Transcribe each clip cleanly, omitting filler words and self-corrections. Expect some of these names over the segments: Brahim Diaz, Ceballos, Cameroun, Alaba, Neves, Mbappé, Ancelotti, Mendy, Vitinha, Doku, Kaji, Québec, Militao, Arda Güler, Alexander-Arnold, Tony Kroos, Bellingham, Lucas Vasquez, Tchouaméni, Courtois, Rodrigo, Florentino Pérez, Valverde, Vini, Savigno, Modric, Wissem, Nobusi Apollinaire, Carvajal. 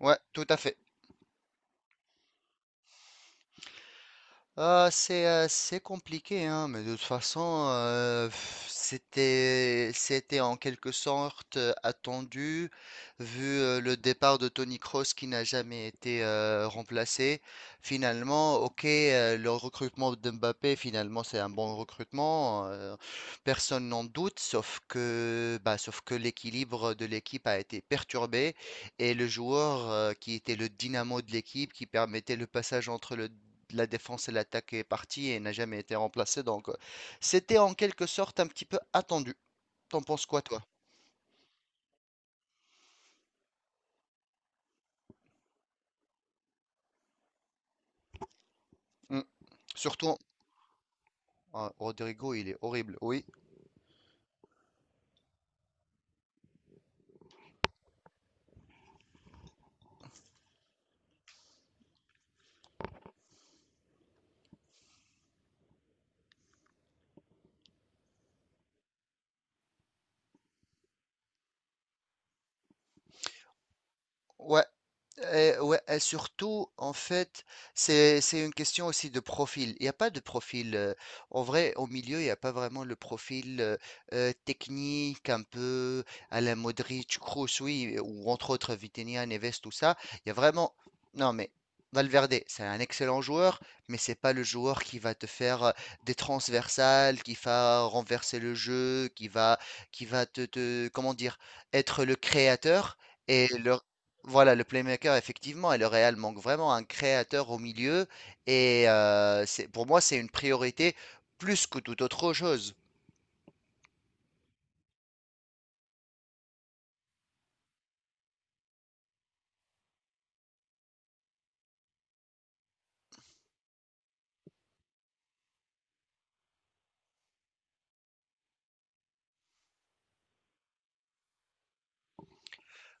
Ouais, tout à fait. Ah, c'est compliqué, hein, mais de toute façon, c'était en quelque sorte attendu, vu le départ de Tony Kroos qui n'a jamais été remplacé. Finalement, ok, le recrutement de Mbappé, finalement, c'est un bon recrutement, personne n'en doute, sauf que l'équilibre de l'équipe a été perturbé. Et le joueur qui était le dynamo de l'équipe, qui permettait le passage entre le la défense et l'attaque est partie et n'a jamais été remplacée. Donc, c'était en quelque sorte un petit peu attendu. T'en penses quoi, toi? Mm. Surtout, Rodrigo, il est horrible. Oui, ouais. Et, ouais, et surtout, en fait, c'est une question aussi de profil. Il n'y a pas de profil. En vrai, au milieu, il n'y a pas vraiment le profil technique, un peu à la Modric, Kroos, oui, ou entre autres Vitinha, Neves, tout ça. Il y a vraiment. Non, mais Valverde, c'est un excellent joueur, mais c'est pas le joueur qui va te faire des transversales, qui va renverser le jeu, qui va te, comment dire, être le créateur. Et le, voilà, le playmaker, effectivement, et le Real manque vraiment un créateur au milieu. Et c'est, pour moi, c'est une priorité plus que toute autre chose.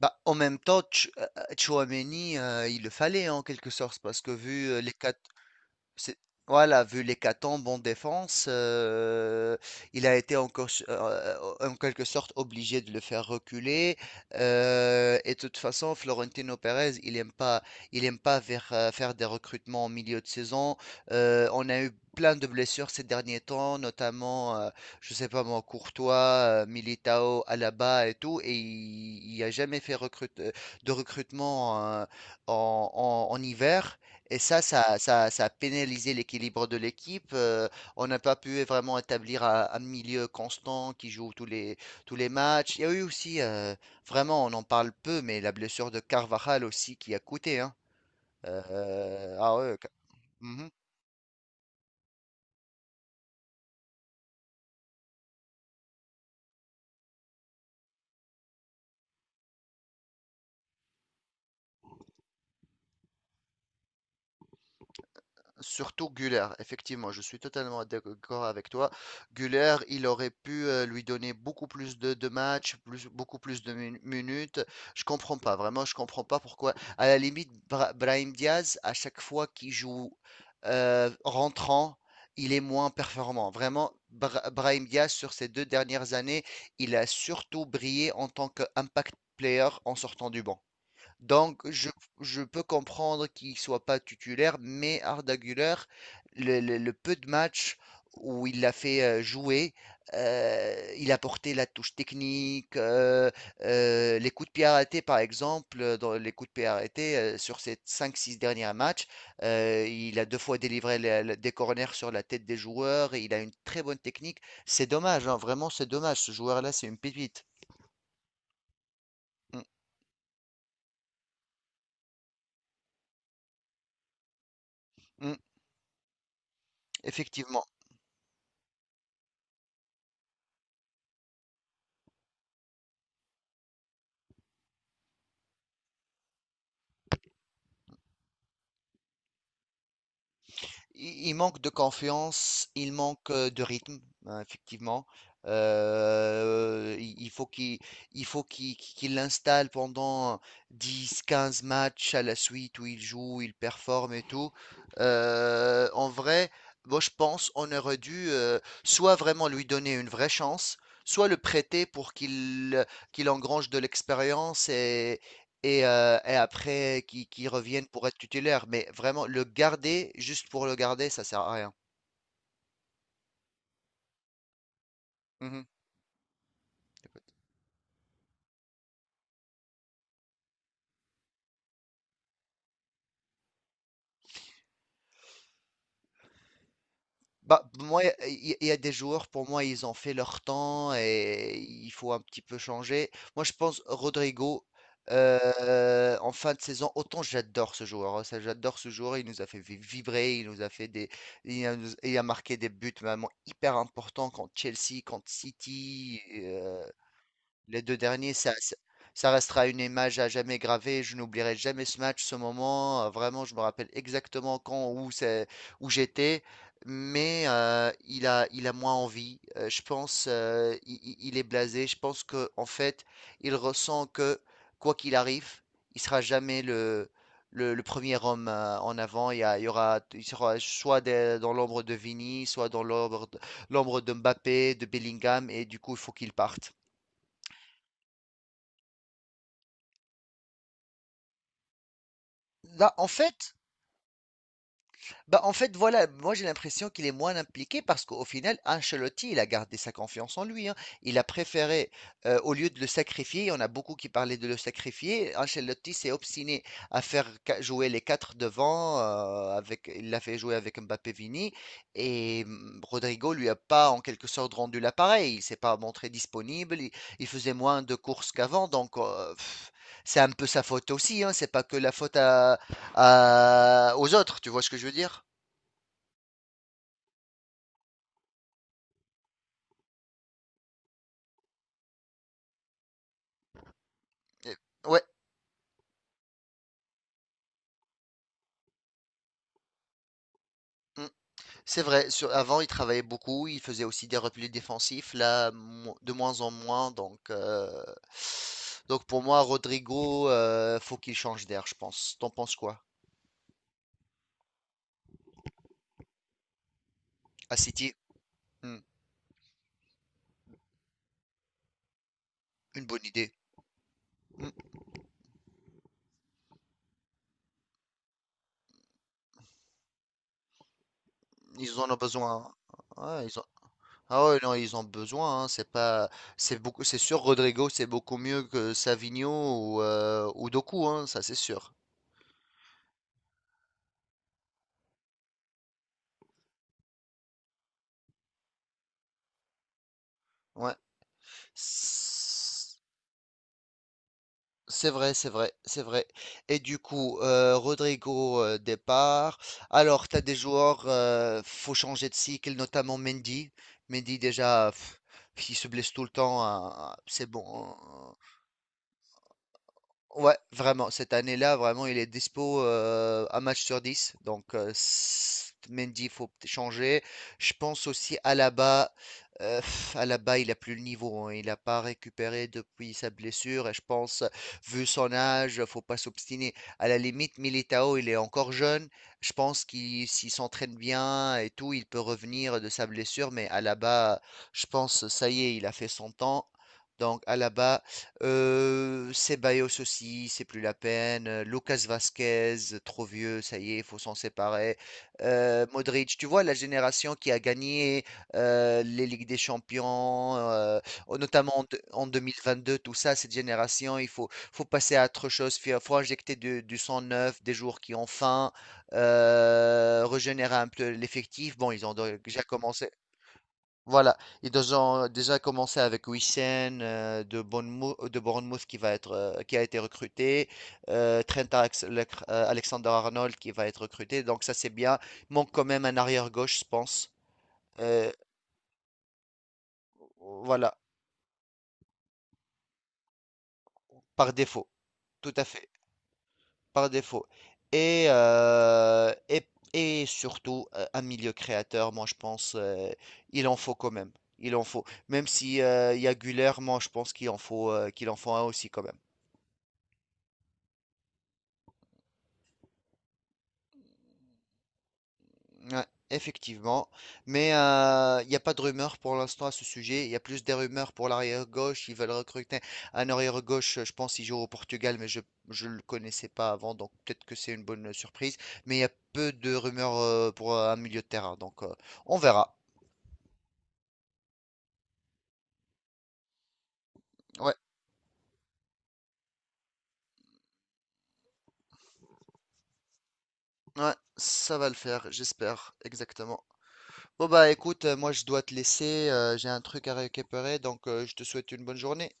Bah, en même temps, Tchouaméni, il le fallait en quelque sorte, parce que vu C'est voilà, vu l'hécatombe en défense, il a été encore s en quelque sorte obligé de le faire reculer, et de toute façon, Florentino Pérez, il aime pas faire des recrutements en milieu de saison. On a eu plein de blessures ces derniers temps, notamment, je sais pas moi, Courtois, Militao, Alaba et tout et il a jamais fait recrute de recrutement, en hiver. Et ça a pénalisé l'équilibre de l'équipe. On n'a pas pu vraiment établir un milieu constant qui joue tous les matchs. Il y a eu aussi, vraiment, on en parle peu, mais la blessure de Carvajal aussi qui a coûté, hein. Ah ouais. Mhm. Surtout Güler, effectivement, je suis totalement d'accord avec toi. Güler, il aurait pu lui donner beaucoup plus de matchs, plus, beaucoup plus de minutes. Je comprends pas, vraiment, je comprends pas pourquoi. À la limite, Brahim Diaz, à chaque fois qu'il joue rentrant, il est moins performant. Vraiment, Brahim Diaz, sur ces deux dernières années, il a surtout brillé en tant qu'impact player en sortant du banc. Donc, je peux comprendre qu'il soit pas titulaire, mais Arda Güler, le peu de matchs où il l'a fait jouer, il a porté la touche technique, les coups de pied arrêtés, par exemple, dans les coups de pied arrêtés, sur ces cinq six derniers matchs, il a deux fois délivré des corners sur la tête des joueurs, et il a une très bonne technique. C'est dommage, hein, vraiment, c'est dommage. Ce joueur-là, c'est une pépite. Mm, mm, effectivement. Il manque de confiance, il manque de rythme, hein, effectivement. Euh, il il faut qu'il il faut qu'il l'installe pendant dix quinze matchs à la suite où il joue, il performe et tout. En vrai, moi je pense on aurait dû soit vraiment lui donner une vraie chance, soit le prêter pour qu'il engrange de l'expérience et après qui reviennent pour être titulaires. Mais vraiment, le garder juste pour le garder, ça sert à rien. Mhm. Bah, moi, il y a des joueurs, pour moi, ils ont fait leur temps et il faut un petit peu changer. Moi, je pense Rodrigo, en fin de saison, autant j'adore ce joueur, hein, ça, j'adore ce joueur. Il nous a fait vibrer, il nous a fait des, il a, nous- il a marqué des buts vraiment hyper importants contre Chelsea, contre City. Les 2 derniers, ça restera une image à jamais gravée. Je n'oublierai jamais ce match, ce moment. Vraiment, je me rappelle exactement quand, où c'est, où j'étais. Mais il a moins envie. Je pense, il est blasé. Je pense que, en fait, il ressent que quoi qu'il arrive, il sera jamais le premier homme en avant. Il y aura, il sera soit dans l'ombre de Vini, soit dans l'ombre, l'ombre de Mbappé, de Bellingham, et du coup, il faut qu'il parte. Là, en fait, bah, en fait, voilà, moi j'ai l'impression qu'il est moins impliqué parce qu'au final, Ancelotti, il a gardé sa confiance en lui, hein. Il a préféré, au lieu de le sacrifier, on a beaucoup qui parlaient de le sacrifier. Ancelotti s'est obstiné à faire jouer les quatre devant, il l'a fait jouer avec Mbappé Vini, et Rodrigo lui a pas en quelque sorte rendu l'appareil. Il s'est pas montré disponible, il faisait moins de courses qu'avant, donc c'est un peu sa faute aussi, hein. C'est pas que la faute à aux autres, tu vois ce que je veux dire? Et- Ouais, mm, c'est vrai. Avant, il travaillait beaucoup, il faisait aussi des replis défensifs, là, de moins en moins. Donc, pour moi, Rodrigo, faut qu'il change d'air, je pense. T'en penses quoi? À City? Mm, une bonne idée. Mm, ils en ont besoin, hein. Ouais, ils ont... Ah ouais, non, ils ont besoin, hein. C'est pas, c'est beaucoup, c'est sûr. Rodrigo, c'est beaucoup mieux que Savigno ou Doku, hein, ça c'est sûr. Ouais. C'est vrai, c'est vrai, c'est vrai. Et du coup, Rodrigo départ. Alors, tu as des joueurs, faut changer de cycle, notamment Mendy. Mendy déjà, il se blesse tout le temps, hein, c'est bon, hein. Ouais, vraiment, cette année-là, vraiment, il est dispo un match sur dix. Donc, Mendy, il faut peut-être changer. Je pense aussi à Alaba. Alaba, il n'a plus le niveau, hein. Il n'a pas récupéré depuis sa blessure. Et je pense, vu son âge, faut pas s'obstiner. À la limite, Militao, il est encore jeune. Je pense qu'il s'il s'entraîne bien et tout, il peut revenir de sa blessure. Mais Alaba, je pense, ça y est, il a fait son temps. Donc, Alaba. Ceballos aussi, c'est plus la peine, Lucas Vasquez, trop vieux, ça y est, il faut s'en séparer, Modric, tu vois la génération qui a gagné, les ligues des champions, oh notamment en 2022, tout ça, cette génération, il faut passer à autre chose, fi faut injecter du sang neuf, des joueurs qui ont faim, régénérer un peu l'effectif. Bon, ils ont déjà commencé voilà, ils ont déjà commencé avec Wissem de Bournemouth qui va être, qui a été recruté, Trent Alexander-Arnold qui va être recruté, donc ça c'est bien. Il manque quand même un arrière-gauche, je pense. Euh, voilà, par défaut, tout à fait, par défaut. Et, euh, et, et, surtout, un milieu créateur, moi je pense, il en faut quand même. Il en faut. Même si il y a Güler, moi je pense qu'il en faut un aussi quand même. Ouais, effectivement. Mais il n'y a pas de rumeur pour l'instant à ce sujet. Il y a plus des rumeurs pour l'arrière-gauche. Ils veulent recruter un arrière-gauche, je pense, il joue au Portugal, mais je ne le connaissais pas avant, donc peut-être que c'est une bonne surprise. Mais il y a peu de rumeurs pour un milieu de terrain, donc on verra. Ouais, ouais, ça va le faire, j'espère, exactement. Bon bah écoute, moi je dois te laisser, j'ai un truc à récupérer, donc je te souhaite une bonne journée.